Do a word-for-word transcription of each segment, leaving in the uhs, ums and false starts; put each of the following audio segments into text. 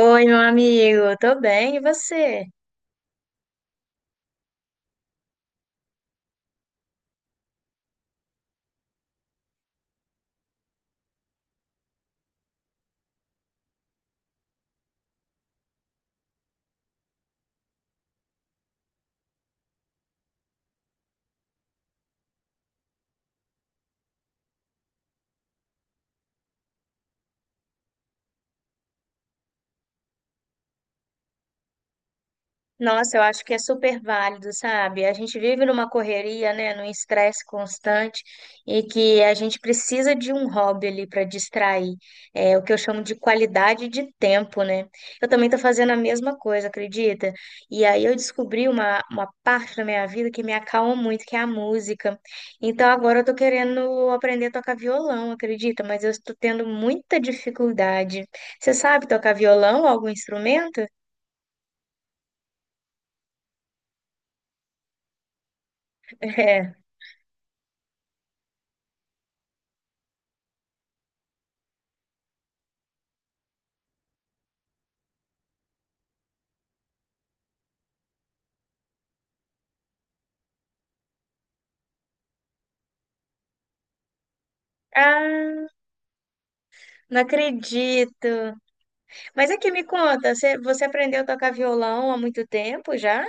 Oi, meu amigo, tô bem, e você? Nossa, eu acho que é super válido, sabe? A gente vive numa correria, né, num estresse constante e que a gente precisa de um hobby ali para distrair, é o que eu chamo de qualidade de tempo, né? Eu também tô fazendo a mesma coisa, acredita? E aí eu descobri uma, uma parte da minha vida que me acalma muito, que é a música. Então agora eu tô querendo aprender a tocar violão, acredita? Mas eu estou tendo muita dificuldade. Você sabe tocar violão, algum instrumento? É. Ah, não acredito. Mas aqui me conta, você, você aprendeu a tocar violão há muito tempo já?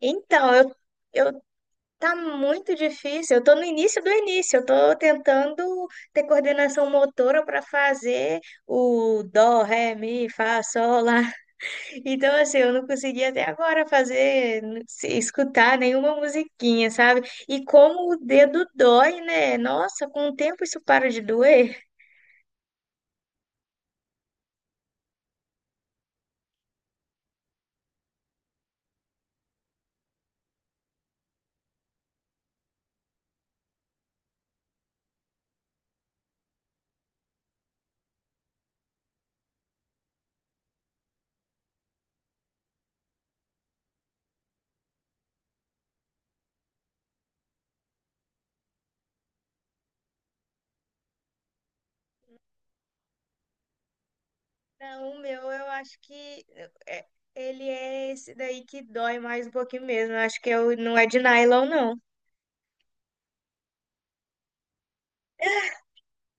Então, eu, eu tá muito difícil. Eu tô no início do início. Eu tô tentando ter coordenação motora para fazer o dó, ré, mi, fá, sol lá. Então, assim, eu não consegui até agora fazer, se- escutar nenhuma musiquinha, sabe? E como o dedo dói, né? Nossa, com o tempo isso para de doer. Não, o meu eu acho que é- ele é esse daí que dói mais um pouquinho mesmo. Eu acho que eu, não é de nylon, não.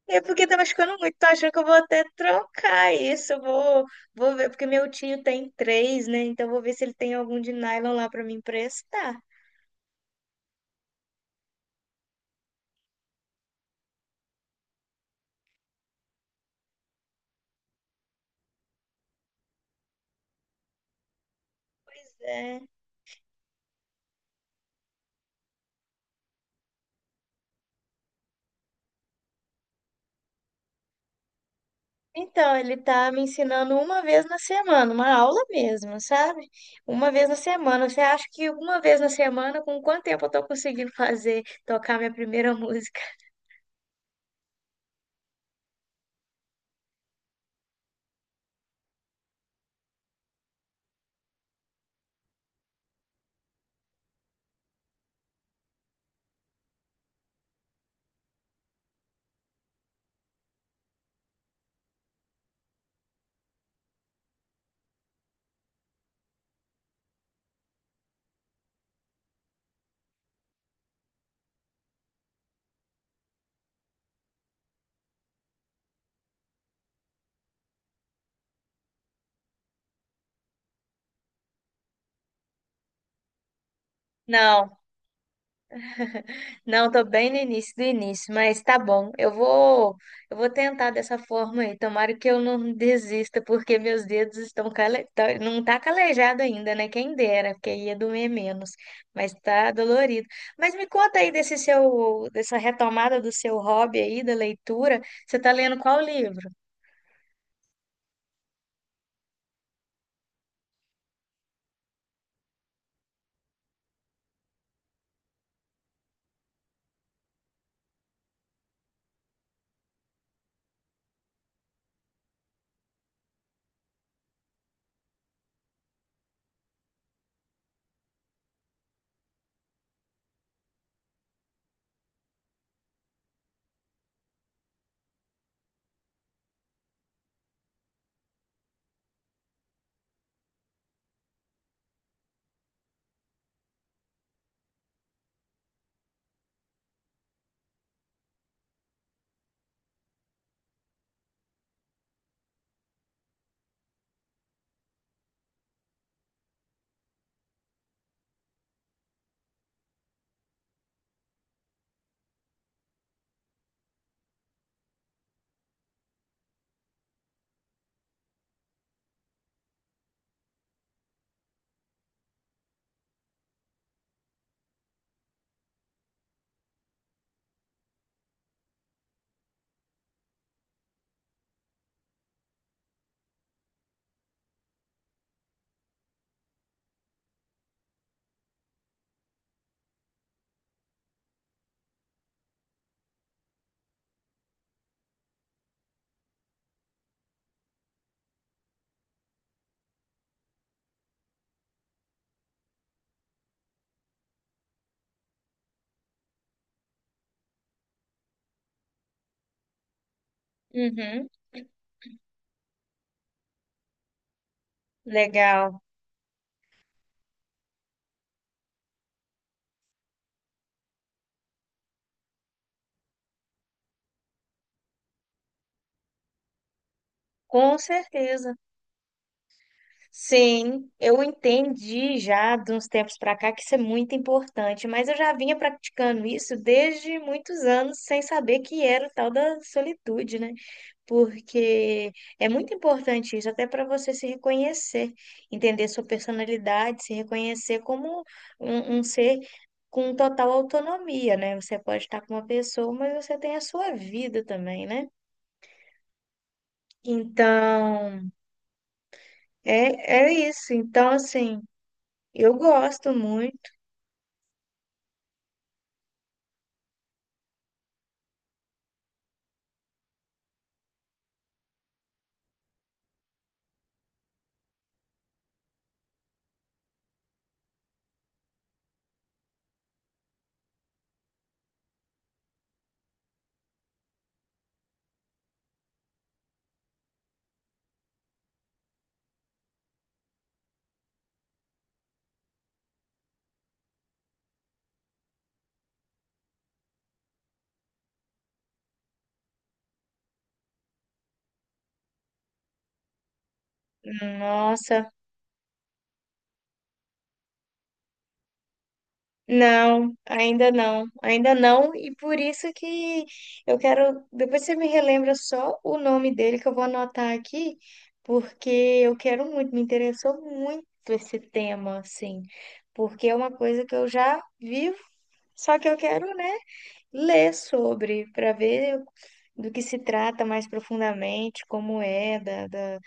É porque tá machucando muito, tô achando que eu vou até trocar isso. Eu vou, vou ver, porque meu tio tem três, né? Então eu vou ver se ele tem algum de nylon lá pra me emprestar. Pois é. Então, ele tá me ensinando uma vez na semana, uma aula mesmo, sabe? Uma vez na semana. Você acha que uma vez na semana, com quanto tempo eu tô conseguindo fazer, tocar minha primeira música? Não. Não, tô bem no início do início, mas tá bom. Eu vou, eu vou tentar dessa forma aí. Tomara que eu não desista, porque meus dedos estão cale... tá- não tá calejado ainda, né? Quem dera, porque aí ia doer menos, mas tá dolorido. Mas me conta aí desse seu, dessa retomada do seu hobby aí da leitura. Você tá lendo qual livro? Uhum, legal. Com certeza. Sim, eu entendi já de uns tempos para cá que isso é muito importante, mas eu já vinha praticando isso desde muitos anos sem saber que era o tal da solitude, né? Porque é muito importante isso até para você se reconhecer, entender sua personalidade, se reconhecer como um, um ser com total autonomia, né? Você pode estar com uma pessoa, mas você tem a sua vida também, né? Então, é, é isso. Então, assim, eu gosto muito. Nossa, não, ainda não, ainda não, e por isso que eu quero. Depois você me relembra só o nome dele que eu vou anotar aqui, porque eu quero muito, me interessou muito esse tema, assim, porque é uma coisa que eu já vivo, só que eu quero, né, ler sobre, para ver do que se trata mais profundamente, como é, da da.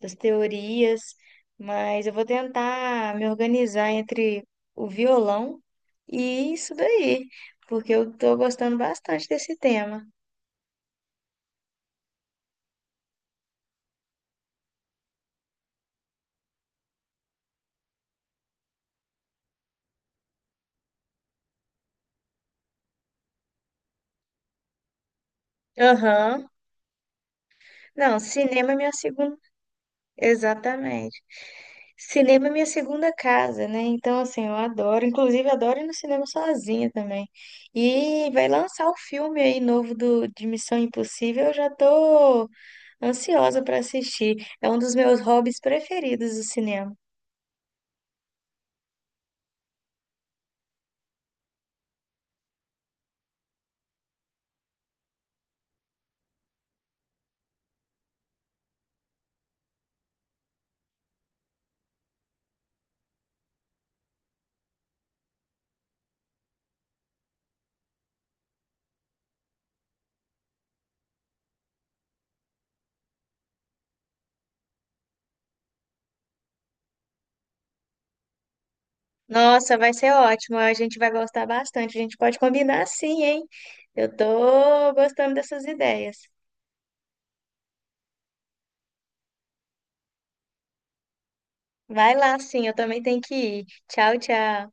Das teorias, mas eu vou tentar me organizar entre o violão e isso daí, porque eu estou gostando bastante desse tema. Aham. Não, cinema é minha segunda. Exatamente. Cinema é minha segunda casa, né? Então, assim, eu adoro. Inclusive, adoro ir no cinema sozinha também. E vai lançar o filme aí novo do, de Missão Impossível. Eu já tô ansiosa para assistir. É um dos meus hobbies preferidos, o cinema. Nossa, vai ser ótimo. A gente vai gostar bastante. A gente pode combinar, sim, hein? Eu tô gostando dessas ideias. Vai lá, sim, eu também tenho que ir. Tchau, tchau.